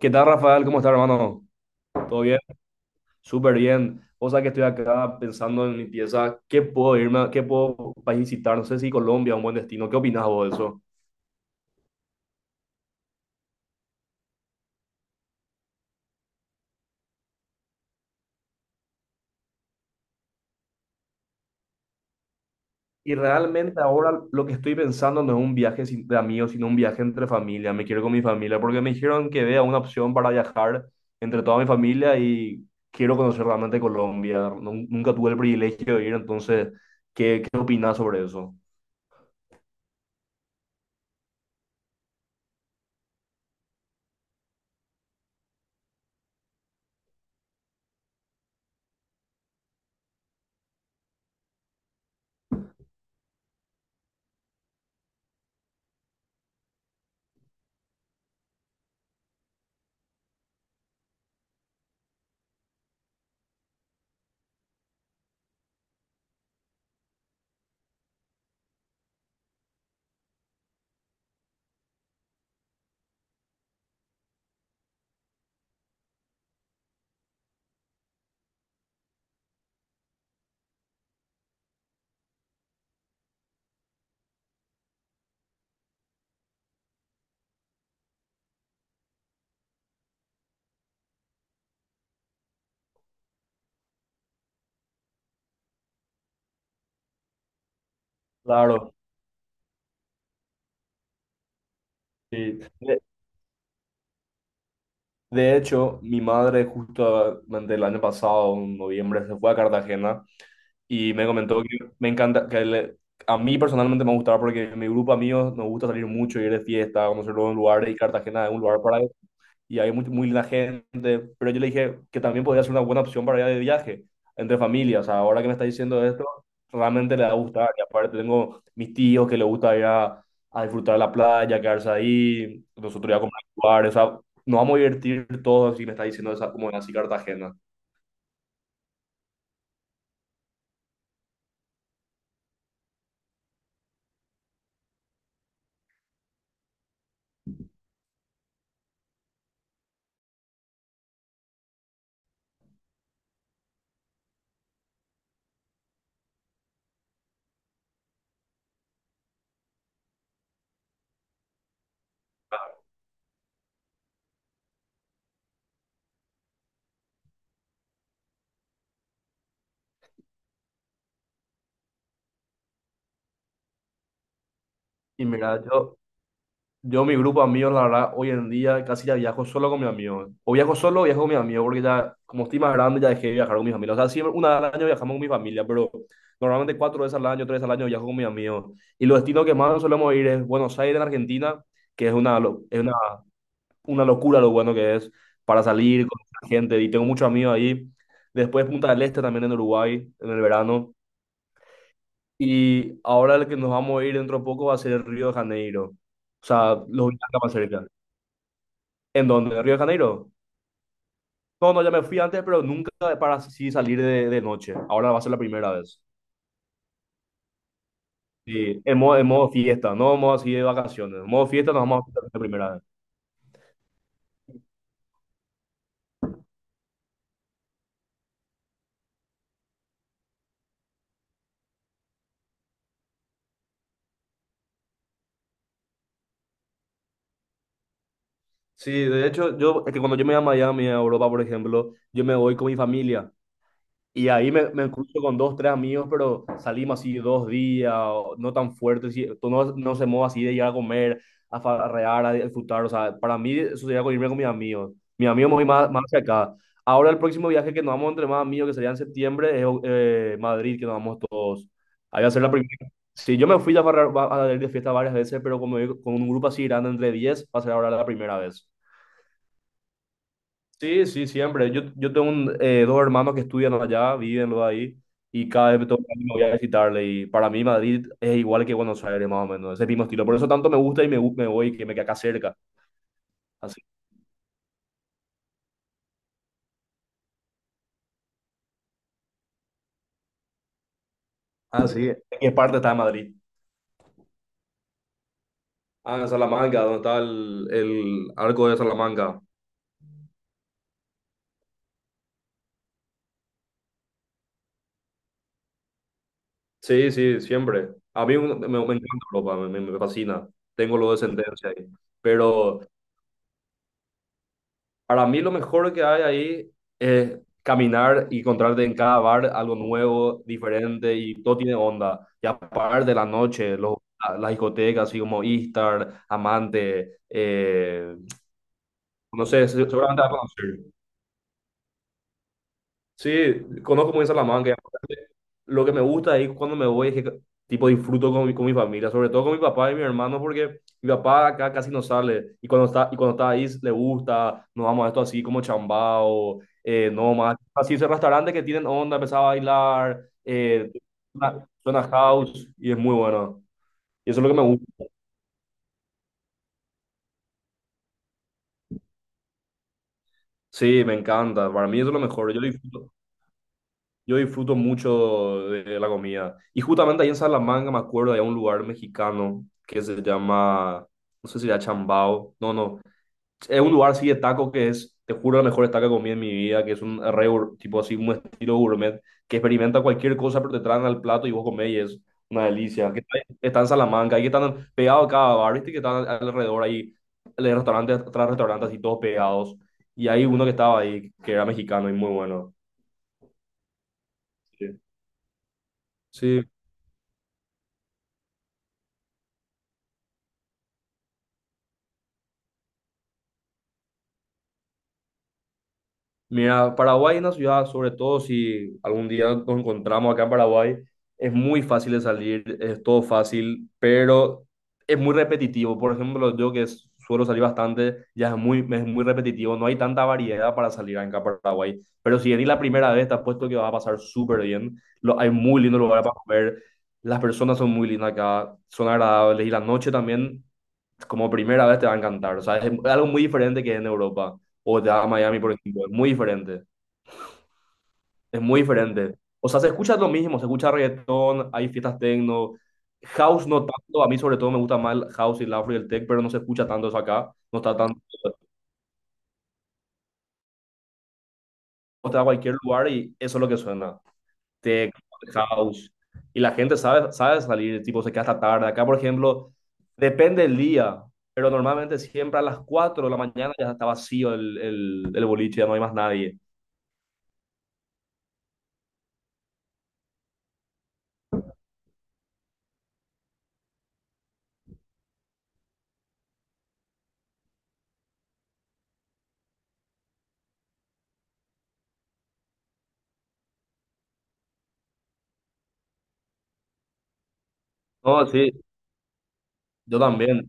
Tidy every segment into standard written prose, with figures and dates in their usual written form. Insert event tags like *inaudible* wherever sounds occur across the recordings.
¿Qué tal, Rafael? ¿Cómo estás, hermano? ¿Todo bien? Súper bien. O sea que estoy acá pensando en mi pieza. ¿Qué puedo irme, qué puedo país visitar? No sé si Colombia es un buen destino. ¿Qué opinas vos de eso? Y realmente ahora lo que estoy pensando no es un viaje sin- de amigos, sino un viaje entre familia. Me quiero ir con mi familia porque me dijeron que vea una opción para viajar entre toda mi familia y quiero conocer realmente Colombia. Nunca tuve el privilegio de ir, entonces, ¿qué opinas sobre eso? Claro, sí. De hecho, mi madre justamente el año pasado, en noviembre, se fue a Cartagena y me comentó que me encanta, a mí personalmente me gustaba porque en mi grupo de amigos nos gusta salir mucho, ir de fiesta, conocer nuevos lugares y Cartagena es un lugar y hay muy, muy linda gente, pero yo le dije que también podría ser una buena opción para ir de viaje entre familias. O sea, ahora que me está diciendo esto, realmente le va a gustar. Y aparte tengo mis tíos que les gusta a disfrutar de la playa, quedarse ahí, nosotros ya comprar lugares, o sea, nos vamos a divertir todos y me está diciendo esa, como así Cartagena. Y mira, yo, mi grupo de amigos, la verdad, hoy en día casi ya viajo solo con mis amigos. O viajo solo o viajo con mis amigos, porque ya, como estoy más grande, ya dejé de viajar con mis amigos. O sea, siempre una vez al año viajamos con mi familia, pero normalmente 4 veces al año, 3 veces al año viajo con mis amigos. Y los destinos que más solemos ir es Buenos Aires, en Argentina, que es una, lo- es una locura lo bueno que es para salir con la gente. Y tengo muchos amigos ahí. Después Punta del Este también en Uruguay, en el verano. Y ahora el que nos vamos a ir dentro de poco va a ser Río de Janeiro. O sea, los viajes más cerca. ¿En dónde? ¿En Río de Janeiro? No, no, ya me fui antes, pero nunca para así salir de noche. Ahora va a ser la primera vez. Sí, en modo fiesta, no en modo así de vacaciones. En modo fiesta nos vamos a juntar la primera vez. Sí, de hecho, yo, es que cuando yo me voy a Miami, a Europa, por ejemplo, yo me voy con mi familia. Y ahí me cruzo con dos, tres amigos, pero salimos así dos días, o no tan fuertes, no, no se mueve así de ir a comer, a farrear, a disfrutar. O sea, para mí eso sería con irme con mis amigos. Mis amigos me voy más, más hacia acá. Ahora el próximo viaje que nos vamos entre más amigos, que sería en septiembre, es Madrid, que nos vamos todos. Ahí va a ser la primera. Sí, yo me fui a farrear, a ir de fiesta varias veces, pero como digo, con un grupo así grande entre 10 va a ser ahora la primera vez. Sí, sí, siempre. Yo tengo un, 2 hermanos que estudian allá, viven los ahí, y cada vez me toca me voy a visitarle. Y para mí Madrid es igual que Buenos Aires, más o menos, ese mismo estilo. Por eso tanto me gusta y me, me voy, que me queda acá cerca. Así. Ah, sí. ¿En qué parte está Madrid? Ah, en Salamanca, donde está el arco de Salamanca. Sí, sí, siempre. Me, me encanta Europa, me fascina. Tengo lo de sentencia ahí. Pero... Para mí lo mejor que hay ahí es caminar y encontrarte en cada bar algo nuevo, diferente y todo tiene onda. Y aparte la noche, los, las discotecas así como Istar, Amante, no sé, seguramente vas a conocer. Sí, conozco muy bien Salamanca y aparte, lo que me gusta ahí cuando me voy es que tipo disfruto con mi familia, sobre todo con mi papá y mi hermano, porque mi papá acá casi no sale. Y cuando está ahí le gusta, nos vamos a esto así como chambao, no más. Así esos restaurantes que tienen onda, empezar a bailar, suena, suena house y es muy bueno. Y eso es lo que me gusta. Sí, me encanta. Para mí eso es lo mejor. Yo disfruto. Yo disfruto mucho de la comida. Y justamente ahí en Salamanca me acuerdo de un lugar mexicano que se llama, no sé si era Chambao, no, no. Es un lugar así de taco que es, te juro, la mejor taco que comí en mi vida, que es un tipo así, un estilo gourmet, que experimenta cualquier cosa, pero te traen al plato y vos comés y es una delicia. Está en Salamanca, ahí que están pegados a cada bar, viste que están alrededor ahí, de restaurantes tras restaurantes así todos pegados. Y hay uno que estaba ahí, que era mexicano y muy bueno. Sí. Sí, mira, Paraguay es una ciudad, sobre todo si algún día nos encontramos acá en Paraguay, es muy fácil de salir, es todo fácil, pero es muy repetitivo. Por ejemplo, suelo salir bastante, ya es muy repetitivo, no hay tanta variedad para salir acá en Paraguay. Pero si venís la primera vez, te apuesto que vas a pasar súper bien. Lo, hay muy lindos lugares para comer, las personas son muy lindas acá, son agradables y la noche también como primera vez te va a encantar. O sea, es algo muy diferente que en Europa. O te vas a Miami, por ejemplo. Es muy diferente. Es muy diferente. O sea, se escucha lo mismo. Se escucha reggaetón, hay fiestas techno. House no tanto. A mí, sobre todo, me gusta más el house y el afro y el tech, pero no se escucha tanto eso acá. No está tan. O te vas a cualquier lugar y eso es lo que suena. Tech, house. Y la gente sabe, sabe salir, tipo, se queda hasta tarde. Acá, por ejemplo, depende del día. Pero normalmente siempre a las 4 de la mañana ya está vacío el boliche, ya no hay más nadie. No, sí, yo también.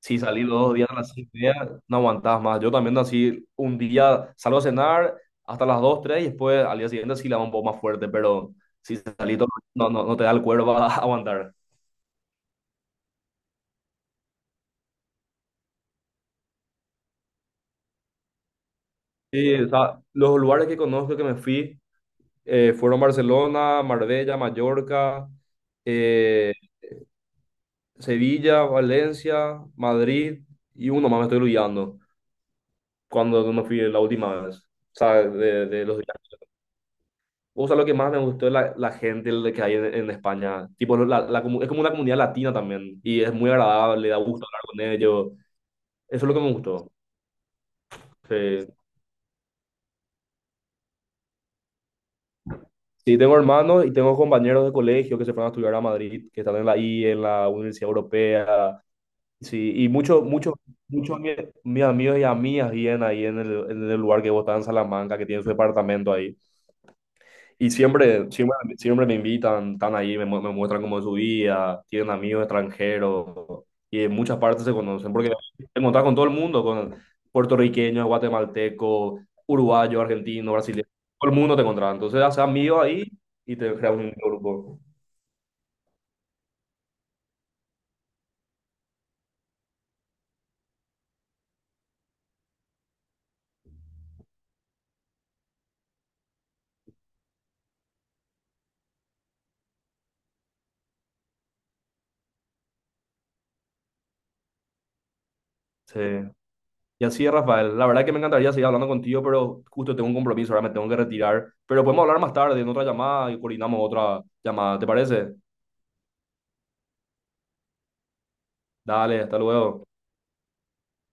Si salí 2 días a las 6 y media, no aguantás más. Yo también así, un día salgo a cenar hasta las dos, tres, y después al día siguiente sí la va un poco más fuerte, pero si salí todo, no te da el cuerpo a *laughs* aguantar. Sí, o sea, los lugares que conozco que me fui fueron Barcelona, Marbella, Mallorca, eh, Sevilla, Valencia, Madrid, y uno más me estoy olvidando cuando me fui la última vez. O sea, de los. O sea, lo que más me gustó es la gente de que hay en España. Tipo, la es como una comunidad latina también. Y es muy agradable, da gusto hablar con ellos. Eso es lo que me gustó. Sí. Sí, tengo hermanos y tengo compañeros de colegio que se fueron a estudiar a Madrid, que están en la I, en la Universidad Europea. Sí, y muchos, muchos, muchos de mis amigos y amigas vienen ahí en el lugar que vos estás en Salamanca, que tienen su departamento ahí. Y siempre, siempre, siempre me invitan, están ahí, me muestran cómo es su vida, tienen amigos extranjeros y en muchas partes se conocen, porque te encontrás con todo el mundo, con puertorriqueños, guatemaltecos, uruguayos, argentinos, brasileños, todo el mundo te encontrás. Entonces haces amigos ahí y te creas un grupo. Sí. Y así es, Rafael. La verdad que me encantaría seguir hablando contigo, pero justo tengo un compromiso, ahora me tengo que retirar. Pero podemos hablar más tarde en otra llamada y coordinamos otra llamada, ¿te parece? Dale, hasta luego.